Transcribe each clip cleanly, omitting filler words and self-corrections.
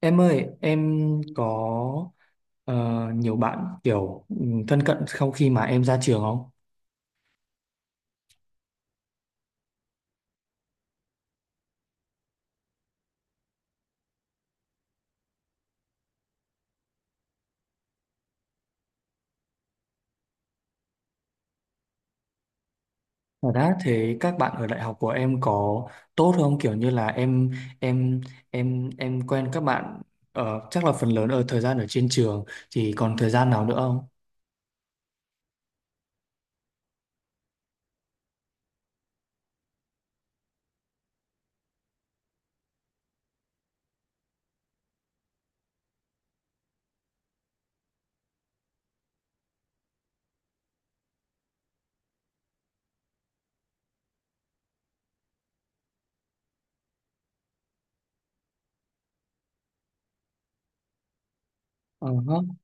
Em ơi, em có ờ, nhiều bạn kiểu thân cận sau khi mà em ra trường không? Và đã thế các bạn ở đại học của em có tốt không? Kiểu như là em em quen các bạn chắc là phần lớn ở thời gian ở trên trường thì còn thời gian nào nữa không? Ờ hả.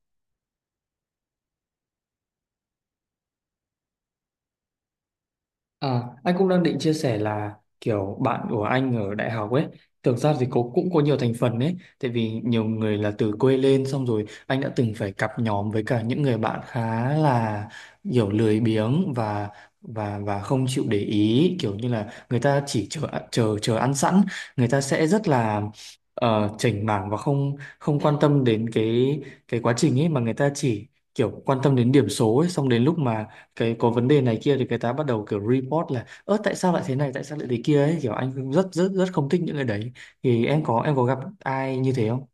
À, anh cũng đang định chia sẻ là kiểu bạn của anh ở đại học ấy, thực ra thì cũng cũng có nhiều thành phần ấy, tại vì nhiều người là từ quê lên xong rồi anh đã từng phải cặp nhóm với cả những người bạn khá là kiểu lười biếng và không chịu để ý, kiểu như là người ta chỉ chờ chờ chờ ăn sẵn, người ta sẽ rất là chểnh mảng và không không quan tâm đến cái quá trình ấy mà người ta chỉ kiểu quan tâm đến điểm số ấy, xong đến lúc mà cái có vấn đề này kia thì cái tá bắt đầu kiểu report là ơ tại sao lại thế này tại sao lại thế kia ấy kiểu anh cũng rất rất rất không thích những cái đấy thì em có gặp ai như thế không?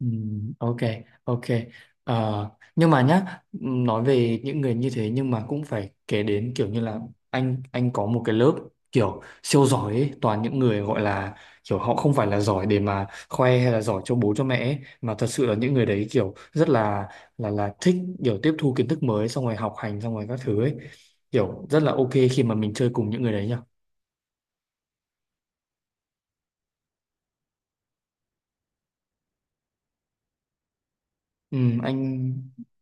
Ừ, ok ok. Ờ, nhưng mà nhá nói về những người như thế nhưng mà cũng phải kể đến kiểu như là anh có một cái lớp kiểu siêu giỏi ấy, toàn những người gọi là kiểu họ không phải là giỏi để mà khoe hay là giỏi cho bố cho mẹ ấy, mà thật sự là những người đấy kiểu rất là là thích kiểu tiếp thu kiến thức mới xong rồi học hành xong rồi các thứ ấy kiểu rất là ok khi mà mình chơi cùng những người đấy nhỉ. Ừ, anh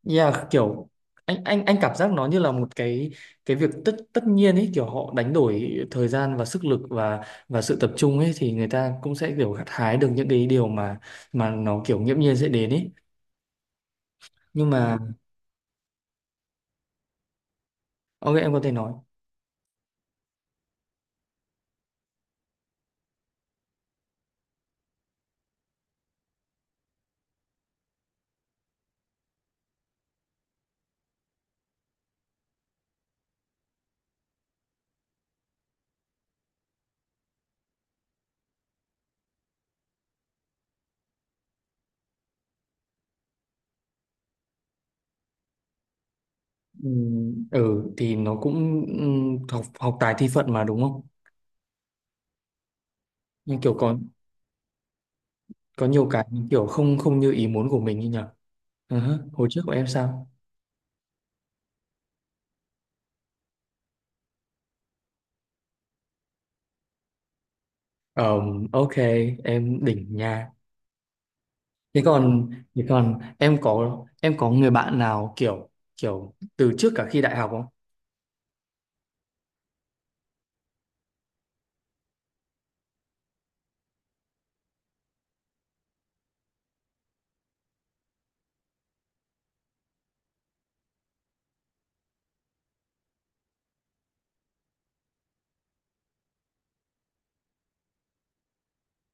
yeah, kiểu anh cảm giác nó như là một cái việc tất tất nhiên ấy kiểu họ đánh đổi thời gian và sức lực và sự tập trung ấy thì người ta cũng sẽ kiểu gặt hái được những cái điều mà nó kiểu nghiễm nhiên sẽ đến ấy nhưng mà ok em có thể nói. Ừ, ừ thì nó cũng học học tài thi phận mà đúng không nhưng kiểu có nhiều cái kiểu không không như ý muốn của mình như nhở. Ừ hứ, hồi trước của em sao. Ờ, ok em đỉnh nha. Thế còn thế còn em có người bạn nào kiểu kiểu từ trước cả khi đại học không?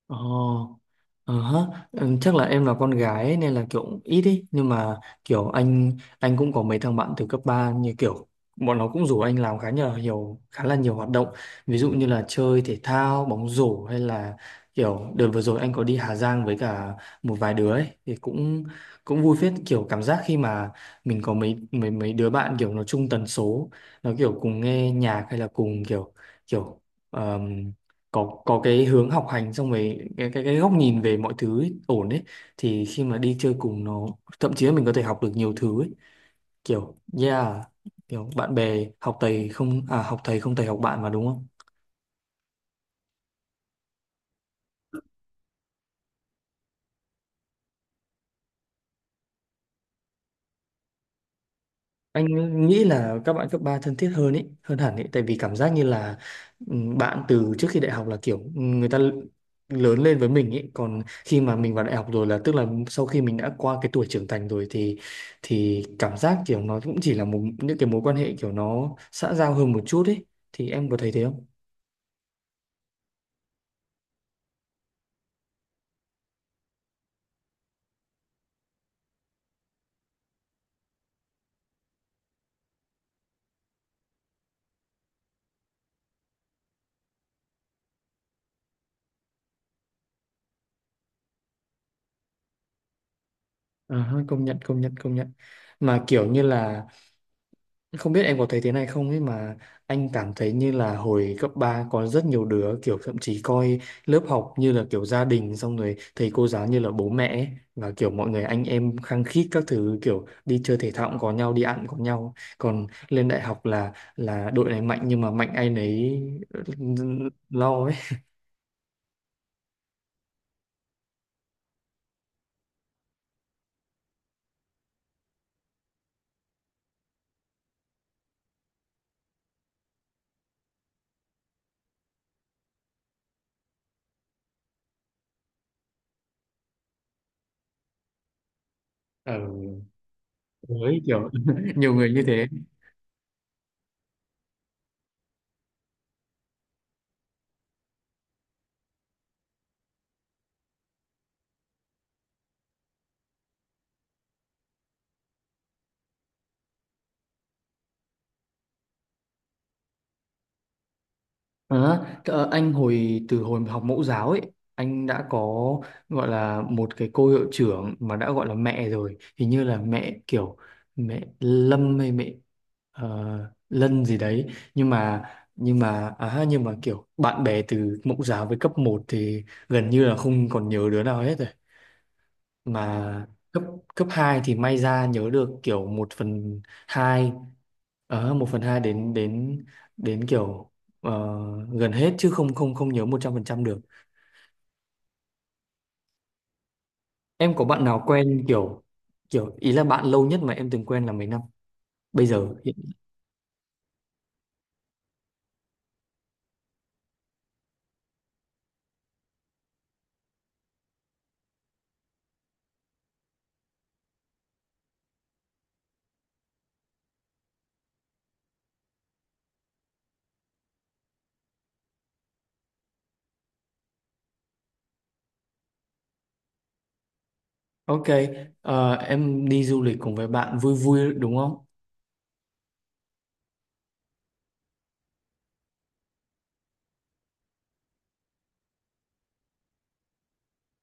Ồ, ờ hả, ừ, chắc là em là con gái ấy, nên là kiểu ít ý nhưng mà kiểu anh cũng có mấy thằng bạn từ cấp 3 như kiểu bọn nó cũng rủ anh làm khá là nhiều hoạt động ví dụ như là chơi thể thao bóng rổ hay là kiểu đợt vừa rồi anh có đi Hà Giang với cả một vài đứa ấy thì cũng cũng vui phết kiểu cảm giác khi mà mình có mấy mấy mấy đứa bạn kiểu nó chung tần số nó kiểu cùng nghe nhạc hay là cùng kiểu kiểu có cái hướng học hành xong rồi cái góc nhìn về mọi thứ ấy, ổn đấy thì khi mà đi chơi cùng nó thậm chí là mình có thể học được nhiều thứ ấy kiểu yeah kiểu bạn bè học thầy không à học thầy không thầy học bạn mà đúng không. Anh nghĩ là các bạn cấp 3 thân thiết hơn ấy hơn hẳn ấy tại vì cảm giác như là bạn từ trước khi đại học là kiểu người ta lớn lên với mình ấy còn khi mà mình vào đại học rồi là tức là sau khi mình đã qua cái tuổi trưởng thành rồi thì cảm giác kiểu nó cũng chỉ là một những cái mối quan hệ kiểu nó xã giao hơn một chút ấy thì em có thấy thế không. Ờ ha, công nhận công nhận công nhận mà kiểu như là không biết em có thấy thế này không ấy mà anh cảm thấy như là hồi cấp 3 có rất nhiều đứa kiểu thậm chí coi lớp học như là kiểu gia đình xong rồi thầy cô giáo như là bố mẹ ấy. Và kiểu mọi người anh em khăng khít các thứ kiểu đi chơi thể thao cũng có nhau đi ăn cũng có nhau còn lên đại học là đội này mạnh nhưng mà mạnh ai nấy ừ, lo ấy. Ừ. Với kiểu nhiều người như thế. À, anh hồi từ hồi học mẫu giáo ấy anh đã có gọi là một cái cô hiệu trưởng mà đã gọi là mẹ rồi hình như là mẹ kiểu mẹ Lâm hay mẹ ờ, Lân gì đấy nhưng mà nhưng mà kiểu bạn bè từ mẫu giáo với cấp một thì gần như là không còn nhớ đứa nào hết rồi mà cấp cấp 2 thì may ra nhớ được kiểu một phần 2 một phần 2 đến đến đến kiểu ờ, gần hết chứ không không không nhớ 100% được. Em có bạn nào quen kiểu kiểu ý là bạn lâu nhất mà em từng quen là mấy năm bây giờ ok, em đi du lịch cùng với bạn vui vui đúng không.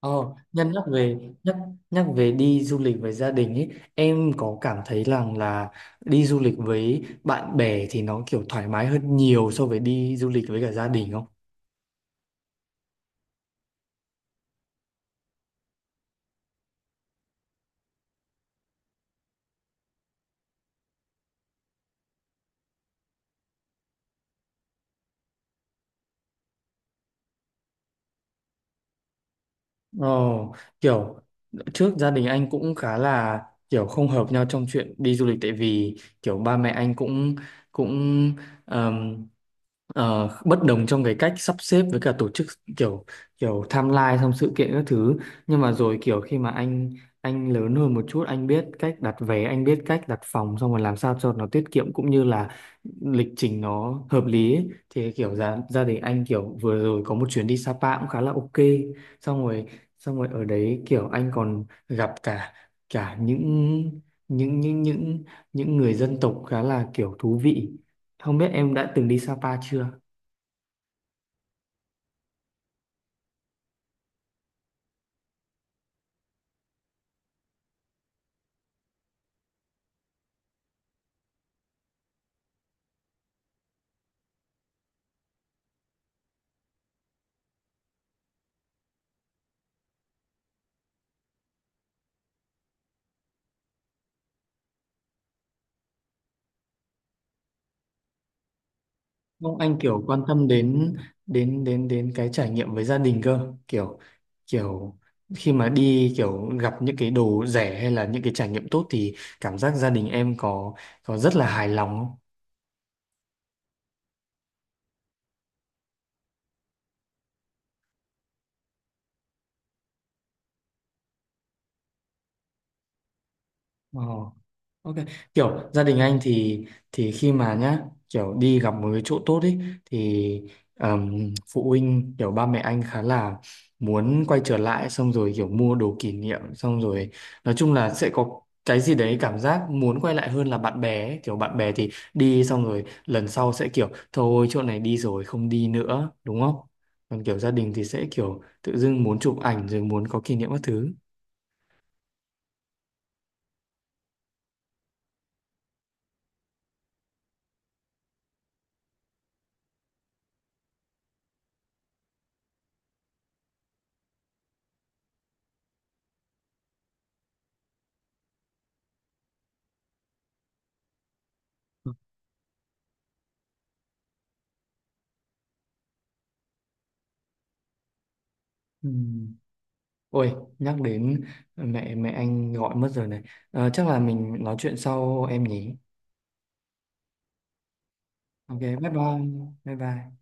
Ờ, nhân nhắc về nhắc nhắc về đi du lịch với gia đình ấy, em có cảm thấy rằng là đi du lịch với bạn bè thì nó kiểu thoải mái hơn nhiều so với đi du lịch với cả gia đình không? Ồ, kiểu trước gia đình anh cũng khá là kiểu không hợp nhau trong chuyện đi du lịch tại vì kiểu ba mẹ anh cũng cũng ờm, bất đồng trong cái cách sắp xếp với cả tổ chức kiểu kiểu timeline xong sự kiện các thứ nhưng mà rồi kiểu khi mà anh lớn hơn một chút anh biết cách đặt vé anh biết cách đặt phòng xong rồi làm sao cho nó tiết kiệm cũng như là lịch trình nó hợp lý ấy. Thì kiểu gia gia đình anh kiểu vừa rồi có một chuyến đi Sapa cũng khá là ok xong rồi xong rồi ở đấy kiểu anh còn gặp cả cả những những những những người dân tộc khá là kiểu thú vị không biết em đã từng đi Sapa chưa. Không anh kiểu quan tâm đến đến đến đến cái trải nghiệm với gia đình cơ kiểu kiểu khi mà đi kiểu gặp những cái đồ rẻ hay là những cái trải nghiệm tốt thì cảm giác gia đình em có rất là hài lòng không. Ờ. Ok, kiểu gia đình anh thì khi mà nhá kiểu đi gặp một cái chỗ tốt ấy thì phụ huynh kiểu ba mẹ anh khá là muốn quay trở lại xong rồi kiểu mua đồ kỷ niệm xong rồi nói chung là sẽ có cái gì đấy cảm giác muốn quay lại hơn là bạn bè ấy. Kiểu bạn bè thì đi xong rồi lần sau sẽ kiểu thôi chỗ này đi rồi không đi nữa đúng không? Còn kiểu gia đình thì sẽ kiểu tự dưng muốn chụp ảnh rồi muốn có kỷ niệm các thứ. Ừ. Ôi, nhắc đến mẹ mẹ anh gọi mất rồi này. Ờ, chắc là mình nói chuyện sau em nhỉ. Ok, bye bye. Bye bye.